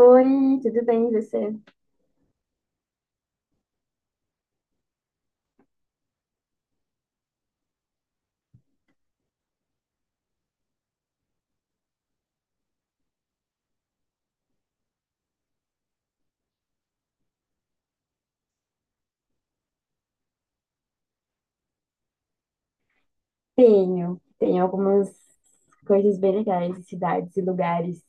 Oi, tudo bem, e você? Tenho algumas coisas bem legais, cidades e lugares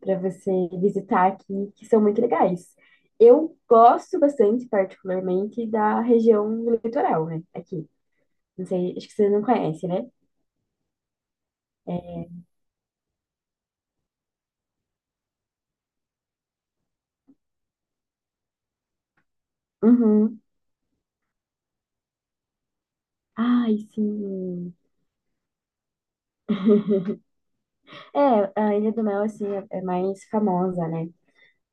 para você visitar aqui que são muito legais. Eu gosto bastante, particularmente, da região litoral, né? Aqui. Não sei, acho que você não conhece, né? Uhum. Ai, sim. É, a Ilha do Mel, assim, é mais famosa, né?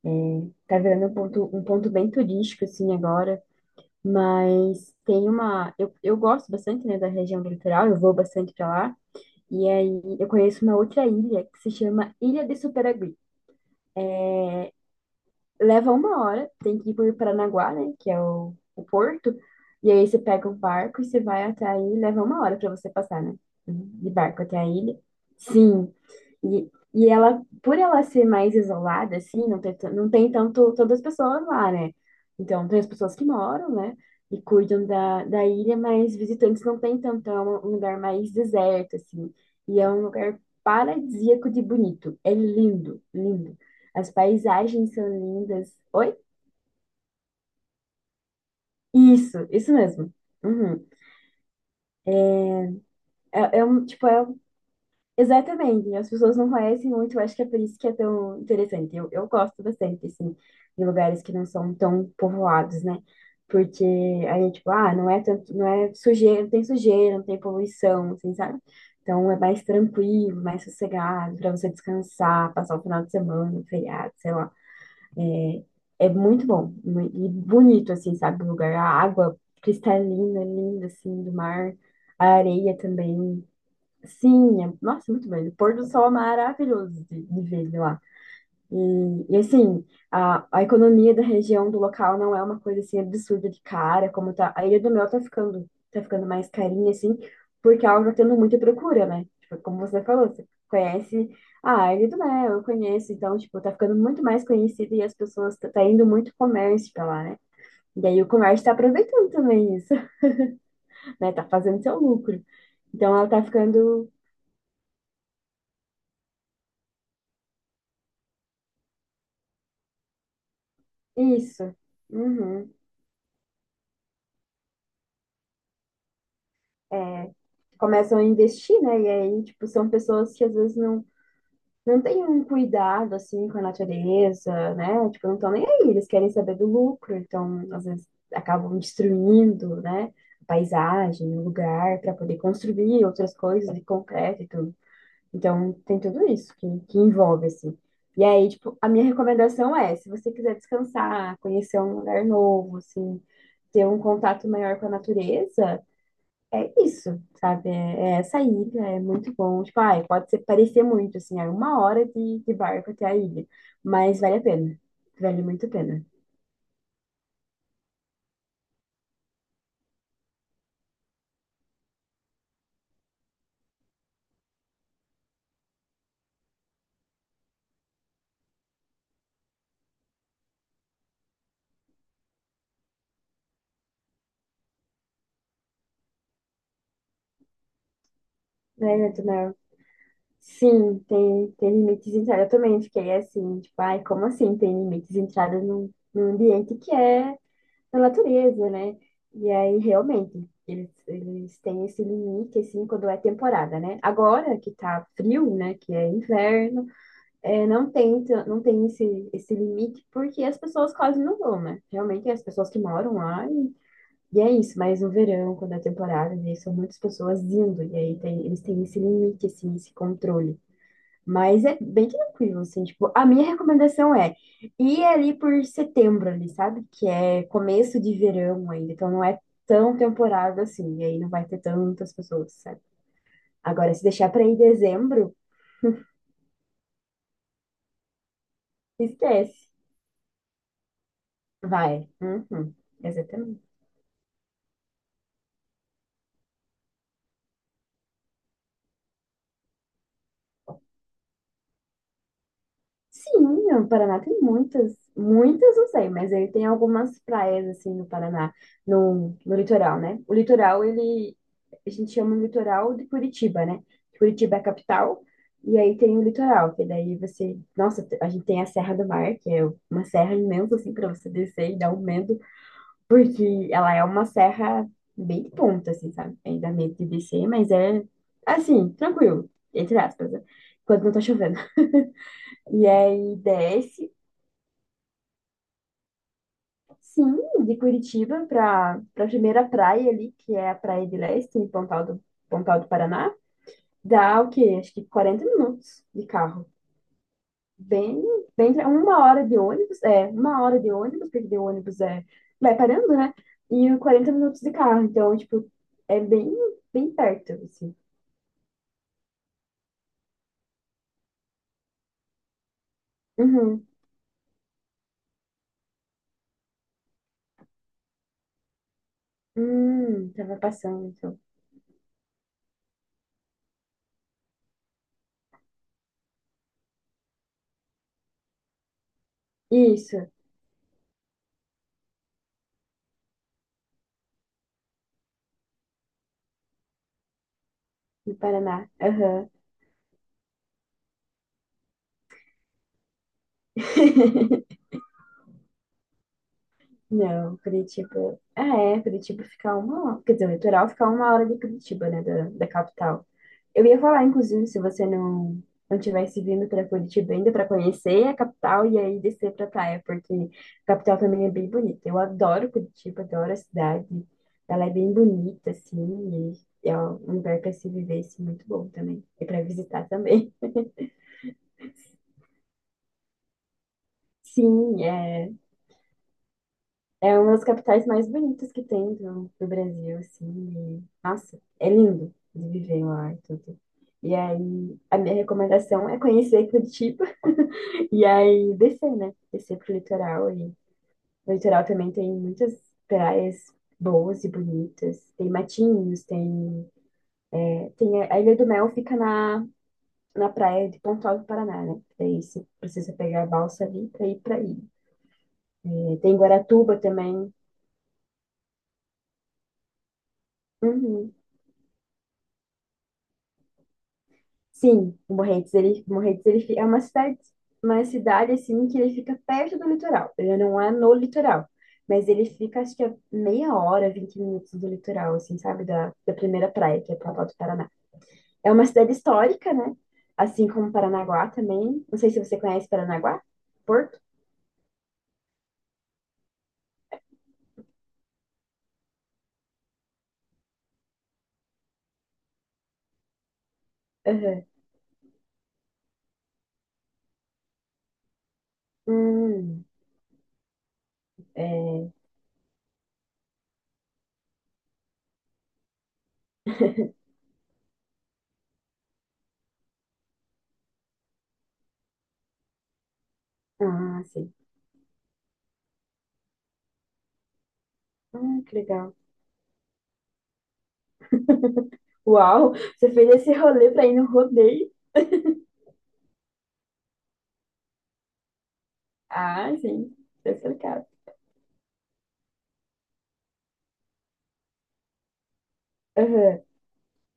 É, tá virando um ponto bem turístico, assim, agora. Mas tem uma. Eu gosto bastante, né, da região do litoral, eu vou bastante pra lá. E aí eu conheço uma outra ilha que se chama Ilha de Superagui. Leva uma hora, tem que ir por Paranaguá, né, que é o porto. E aí você pega um barco e você vai até aí, leva uma hora pra você passar, né, de barco até a ilha. Sim, e ela, por ela ser mais isolada, assim, não tem tanto todas as pessoas lá, né? Então, tem as pessoas que moram, né? E cuidam da, da ilha, mas visitantes não tem tanto. Então, é um lugar mais deserto, assim. E é um lugar paradisíaco de bonito. É lindo, lindo. As paisagens são lindas. Oi? Isso mesmo. Uhum. É, é um, tipo, é Exatamente, as pessoas não conhecem muito, eu acho que é por isso que é tão interessante. Eu gosto bastante, assim, de lugares que não são tão povoados, né? Porque aí, tipo, ah, não é tanto, não é sujeira, não tem poluição, assim, sabe? Então é mais tranquilo, mais sossegado, para você descansar, passar o final de semana, feriado, sei lá. É muito bom e bonito, assim, sabe? O lugar, a água cristalina, linda, assim, do mar, a areia também. Sim, é- nossa, muito bem. O pôr do sol é maravilhoso de ver de lá. E, assim, a economia da região, do local, não é uma coisa assim absurda de cara, como tá. A Ilha do Mel tá ficando mais carinha, assim, porque ela tá tendo muita procura, né? Tipo, como você falou, você conhece ah, a Ilha do Mel, eu conheço, então, tipo, tá ficando muito mais conhecida e as pessoas, tá indo muito comércio pra lá, né? E aí o comércio tá aproveitando também isso, né? Tá fazendo seu lucro. Então ela tá ficando Isso. Uhum. É, começam a investir, né? E aí, tipo, são pessoas que às vezes não, não têm um cuidado, assim, com a natureza, né? Tipo, não estão nem aí, eles querem saber do lucro, então, às vezes, acabam destruindo, né? A paisagem, o lugar, para poder construir outras coisas de concreto e tudo. Então, tem tudo isso que envolve, assim. E aí, tipo, a minha recomendação é, se você quiser descansar, conhecer um lugar novo, assim, ter um contato maior com a natureza, é isso, sabe? É, é essa ilha, é muito bom. Tipo, ai, pode ser, parecer muito, assim, é uma hora de barco até a ilha, mas vale a pena. Vale muito a pena. Né, Netanel? Sim, tem limites de entrada. Eu também fiquei assim, tipo, ai, como assim tem limites de entrada num ambiente que é da natureza, né? E aí, realmente, eles têm esse limite, assim, quando é temporada, né? Agora que tá frio, né, que é inverno, é, não tem esse, esse limite, porque as pessoas quase não vão, né? Realmente é as pessoas que moram lá e é isso, mas no verão, quando é temporada, daí são muitas pessoas indo, e aí tem, eles têm esse limite, assim, esse controle. Mas é bem tranquilo, assim, tipo, a minha recomendação é ir ali por setembro ali, sabe? Que é começo de verão ainda, então não é tão temporada assim, e aí não vai ter tantas pessoas, sabe? Agora, se deixar pra ir em dezembro, esquece. Vai. Uhum. Exatamente. Sim, o Paraná tem muitas, muitas não sei, mas ele tem algumas praias assim no Paraná, no litoral, né? O litoral, ele, a gente chama o litoral de Curitiba, né? Curitiba é a capital, e aí tem o litoral, que daí você, nossa, a gente tem a Serra do Mar, que é uma serra imensa assim para você descer e dar um medo, porque ela é uma serra bem de ponta assim, sabe? Aí dá medo de descer, mas é assim, tranquilo, entre aspas, né? Quando não tá chovendo. E aí desce. Sim, de Curitiba para a primeira praia ali, que é a Praia de Leste, em Pontal do Paraná, dá o quê? Acho que 40 minutos de carro. Bem, bem, uma hora de ônibus, é, uma hora de ônibus, porque de ônibus é, vai parando, né? E 40 minutos de carro, então, tipo, é bem, bem perto, assim. Uhum. Tava passando, então. Isso, no Paraná. Não, Curitiba. Ah, é, Curitiba fica uma hora. Quer dizer, o litoral fica uma hora de Curitiba, né, da, da capital. Eu ia falar, inclusive, se você não não tivesse vindo para Curitiba ainda para conhecer a capital e aí descer para praia, porque a capital também é bem bonita. Eu adoro Curitiba, adoro a cidade. Ela é bem bonita, assim, e é um lugar para se viver, assim, muito bom também. E para visitar também. Sim, é. É uma das capitais mais bonitas que tem do Brasil, assim. E, nossa, é lindo de viver lá e tudo. E aí, a minha recomendação é conhecer Curitiba e aí descer, né? Descer pro litoral. E no litoral também tem muitas praias boas e bonitas. Tem Matinhos, tem, tem a Ilha do Mel fica na praia de Pontal do Paraná, né? Daí você precisa pegar a balsa ali pra ir pra ilha. E tem Guaratuba também. Uhum. Sim, o Morretes, ele, Morretes, é uma cidade, assim que ele fica perto do litoral. Ele não é no litoral, mas ele fica acho que a meia hora, 20 minutos do litoral, assim, sabe, da primeira praia, que é Palpau do Paraná. É uma cidade histórica, né? Assim como Paranaguá também. Não sei se você conhece Paranaguá, Porto. Aham. Hum, é. Ah, sim. Ah, que legal. Uau, você fez esse rolê pra ir no rodeio. Ah, sim, tá explicado. Aham,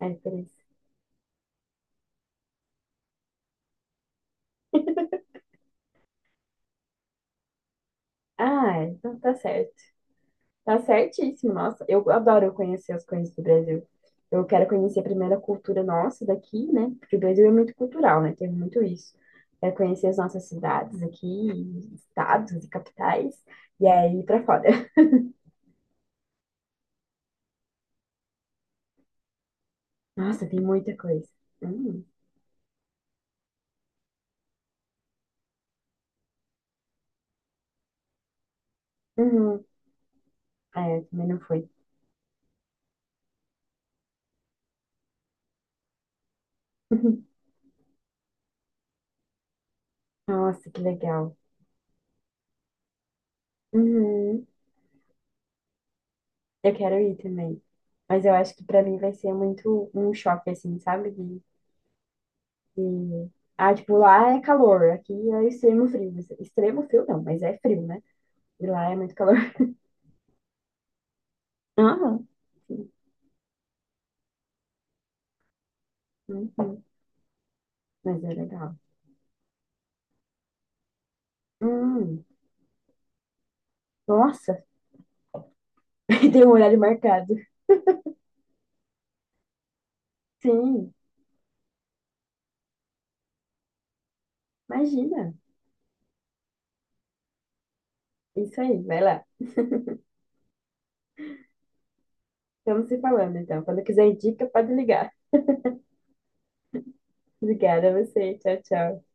é por isso. Ah, é, então tá certo. Tá certíssimo, nossa. Eu adoro conhecer as coisas do Brasil. Eu quero conhecer primeiro a cultura nossa daqui, né? Porque o Brasil é muito cultural, né? Tem muito isso. Quero conhecer as nossas cidades aqui, estados e capitais, e aí pra fora. Nossa, tem muita coisa. Hum. Uhum. É, eu também não foi. Nossa, que legal. Uhum. Eu quero ir também. Mas eu acho que pra mim vai ser muito um choque, assim, sabe? De- Ah, tipo, lá é calor, aqui é extremo frio. Extremo frio não, mas é frio, né? E lá é muito calor. Aham. Sim. Uhum. Mas é legal. Hum. Nossa, tem um horário marcado. Sim, imagina. Isso aí, vai lá. Estamos se falando, então. Quando quiser dica, pode ligar. Obrigada a você. Tchau, tchau.